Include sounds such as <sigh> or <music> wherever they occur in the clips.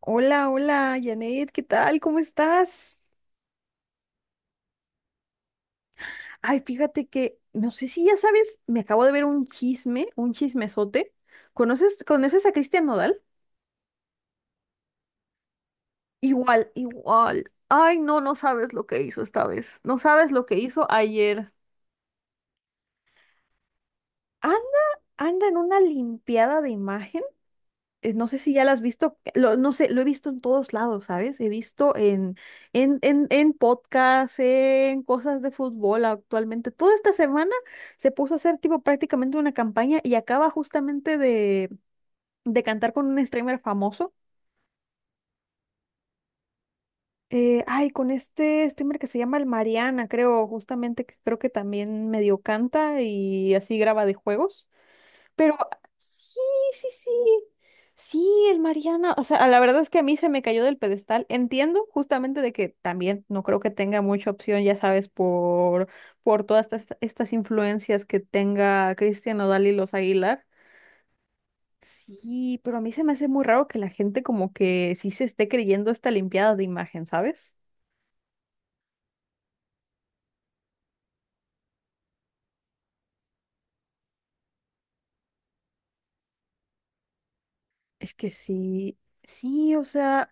Hola, hola, Janet, ¿qué tal? ¿Cómo estás? Ay, fíjate que, no sé si ya sabes, me acabo de ver un chisme, un chismesote. ¿Conoces a Cristian Nodal? Igual, igual. Ay, no, no sabes lo que hizo esta vez. No sabes lo que hizo ayer. Anda, anda en una limpiada de imagen. No sé si ya las has visto, no sé, lo he visto en todos lados, ¿sabes? He visto en podcasts, en cosas de fútbol actualmente. Toda esta semana se puso a hacer tipo prácticamente una campaña y acaba justamente de cantar con un streamer famoso. Ay, con este streamer que se llama el Mariana, creo, justamente, que creo que también medio canta y así graba de juegos. Pero sí, sí, sí. Sí, el Mariana. O sea, la verdad es que a mí se me cayó del pedestal. Entiendo justamente de que también no creo que tenga mucha opción, ya sabes, por todas estas influencias que tenga Cristian Nodal y los Aguilar. Sí, pero a mí se me hace muy raro que la gente como que sí se esté creyendo esta limpiada de imagen, ¿sabes? Es que sí, sí, o sea.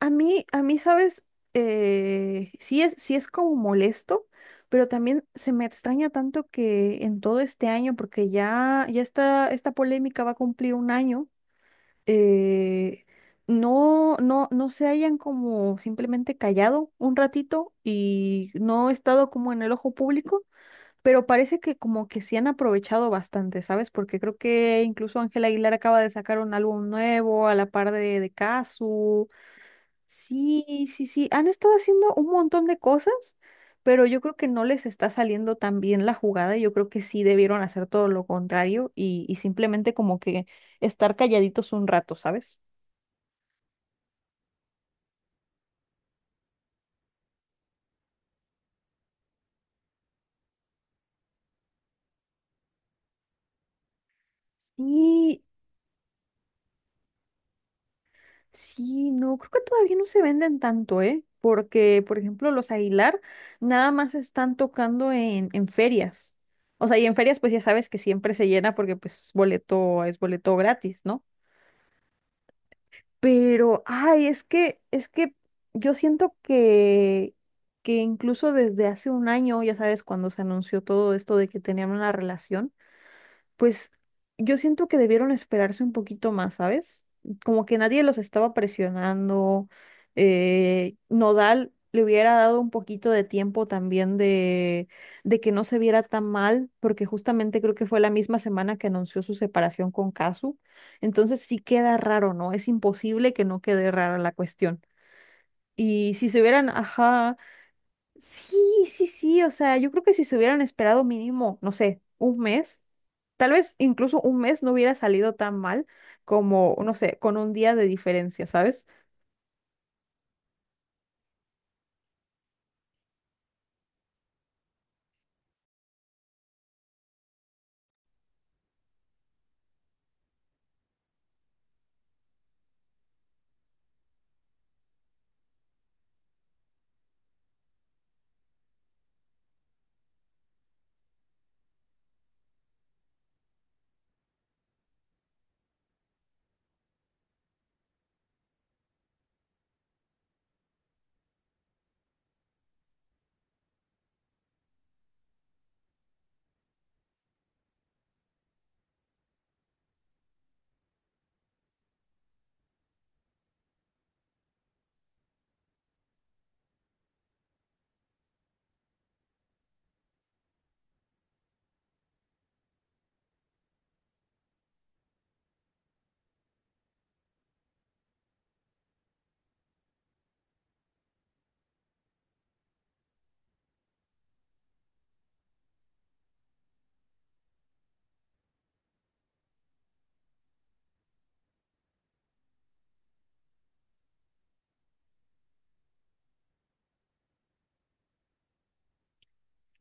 Sabes, sí es como molesto, pero también se me extraña tanto que en todo este año, porque ya, ya está, esta polémica va a cumplir un año, eh, no se hayan como simplemente callado un ratito y no he estado como en el ojo público, pero parece que como que se han aprovechado bastante, ¿sabes? Porque creo que incluso Ángela Aguilar acaba de sacar un álbum nuevo a la par de Cazzu. Sí, sí, sí. Han estado haciendo un montón de cosas, pero yo creo que no les está saliendo tan bien la jugada. Yo creo que sí debieron hacer todo lo contrario y simplemente como que estar calladitos un rato, ¿sabes? Y sí, no, creo que todavía no se venden tanto, ¿eh? Porque, por ejemplo, los Aguilar nada más están tocando en ferias. O sea, y en ferias pues ya sabes que siempre se llena porque pues es boleto gratis, ¿no? Pero, ay, es que yo siento que incluso desde hace un año, ya sabes, cuando se anunció todo esto de que tenían una relación, pues yo siento que debieron esperarse un poquito más, ¿sabes? Como que nadie los estaba presionando. Nodal le hubiera dado un poquito de tiempo también de que no se viera tan mal, porque justamente creo que fue la misma semana que anunció su separación con Casu. Entonces sí queda raro, ¿no? Es imposible que no quede rara la cuestión. Y si se hubieran, ajá, sí, sí, sí, o sea, yo creo que si se hubieran esperado mínimo, no sé, un mes, tal vez incluso un mes no hubiera salido tan mal como, no sé, con un día de diferencia, ¿sabes?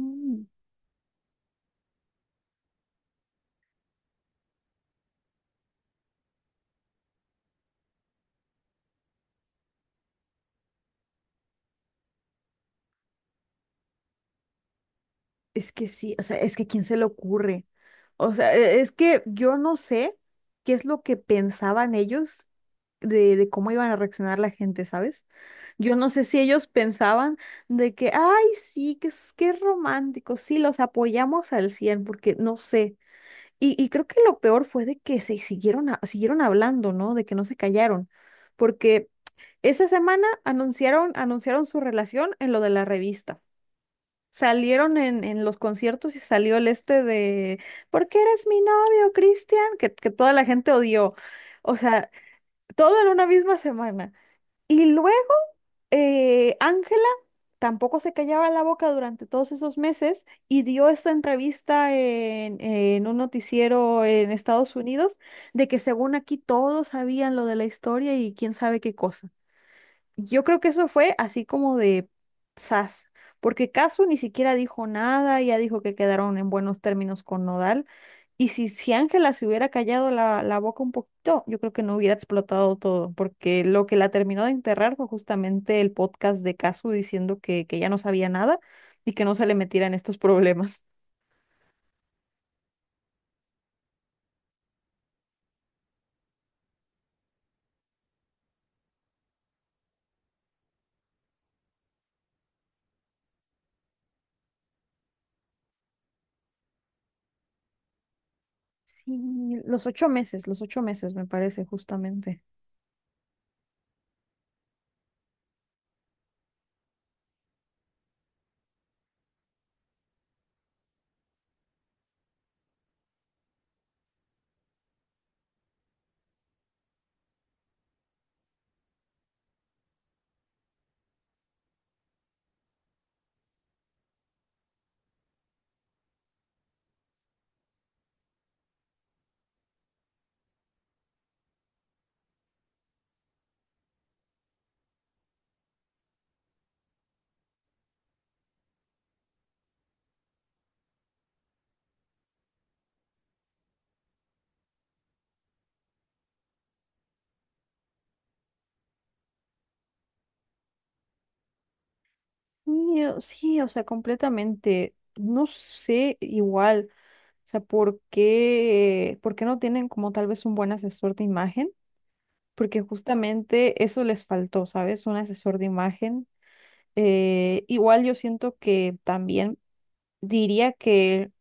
Mm. Es que sí, o sea, es que ¿quién se le ocurre? O sea, es que yo no sé qué es lo que pensaban ellos de cómo iban a reaccionar la gente, ¿sabes? Yo no sé si ellos pensaban de que, ay, sí, que es romántico, sí, los apoyamos al 100 porque no sé. Y creo que lo peor fue de que se siguieron, siguieron hablando, ¿no? De que no se callaron, porque esa semana anunciaron su relación en lo de la revista. Salieron en los conciertos y salió el este de, ¿por qué eres mi novio, Cristian? Que toda la gente odió. O sea, todo en una misma semana. Y luego Ángela tampoco se callaba la boca durante todos esos meses y dio esta entrevista en un noticiero en Estados Unidos de que según aquí todos sabían lo de la historia y quién sabe qué cosa. Yo creo que eso fue así como de sas, porque Casu ni siquiera dijo nada, ya dijo que quedaron en buenos términos con Nodal y si, si Ángela se hubiera callado la, la boca un poquito, yo creo que no hubiera explotado todo, porque lo que la terminó de enterrar fue justamente el podcast de Casu diciendo que ya no sabía nada y que no se le metiera en estos problemas. Sí, los 8 meses, los ocho meses me parece justamente. Sí, sí, o sea, completamente. No sé igual, o sea, por qué no tienen como tal vez un buen asesor de imagen? Porque justamente eso les faltó, ¿sabes? Un asesor de imagen. Igual yo siento que también diría que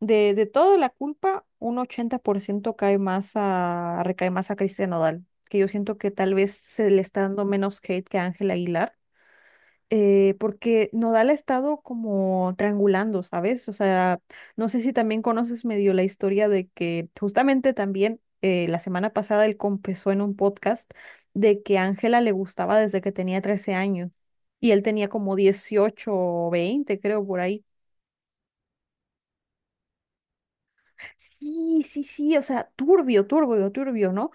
de toda la culpa, un 80% cae más a, recae más a Cristian Nodal, que yo siento que tal vez se le está dando menos hate que a Ángel Aguilar, porque Nodal ha estado como triangulando, ¿sabes? O sea, no sé si también conoces medio la historia de que justamente también la semana pasada él confesó en un podcast de que Ángela le gustaba desde que tenía 13 años y él tenía como 18 o 20, creo, por ahí. Sí, sí, sí, o sea, turbio, turbio, turbio, ¿no?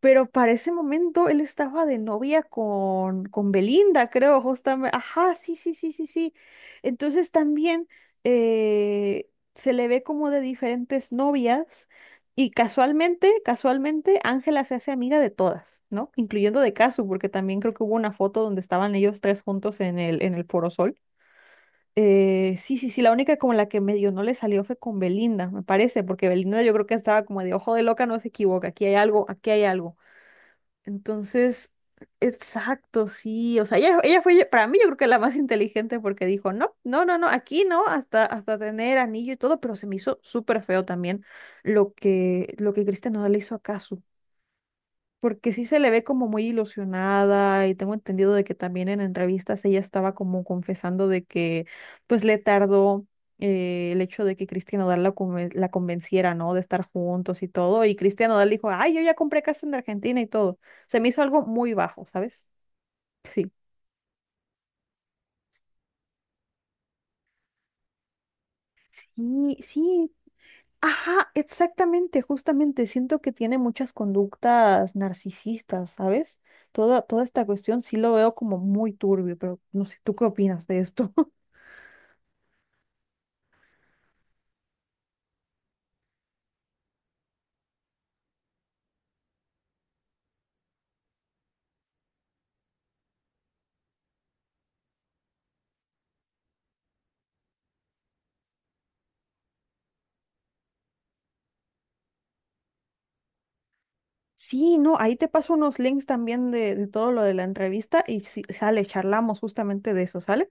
Pero para ese momento él estaba de novia con Belinda, creo, justamente. Ajá, sí, sí, sí, sí, sí. Entonces también eh, se le ve como de diferentes novias y casualmente, casualmente, Ángela se hace amiga de todas, ¿no? Incluyendo de Casu, porque también creo que hubo una foto donde estaban ellos tres juntos en el Foro Sol. Sí, sí, sí, la única como la que medio no le salió fue con Belinda, me parece, porque Belinda yo creo que estaba como de ojo de loca, no se equivoca, aquí hay algo, aquí hay algo. Entonces, exacto, sí. O sea, ella fue, para mí yo creo que la más inteligente porque dijo, no, no, no, no, aquí no, hasta, hasta tener anillo y todo, pero se me hizo súper feo también lo que Cristian no le hizo acaso porque sí se le ve como muy ilusionada y tengo entendido de que también en entrevistas ella estaba como confesando de que pues le tardó el hecho de que Cristian Nodal la convenciera, ¿no? De estar juntos y todo. Y Cristian Nodal dijo, ay, yo ya compré casa en Argentina y todo. Se me hizo algo muy bajo, ¿sabes? Sí. Sí, sí. Ajá, exactamente, justamente. Siento que tiene muchas conductas narcisistas, ¿sabes? Toda, toda esta cuestión sí lo veo como muy turbio, pero no sé, ¿tú qué opinas de esto? <laughs> Sí, no, ahí te paso unos links también de todo lo de la entrevista y si sale, charlamos justamente de eso, ¿sale?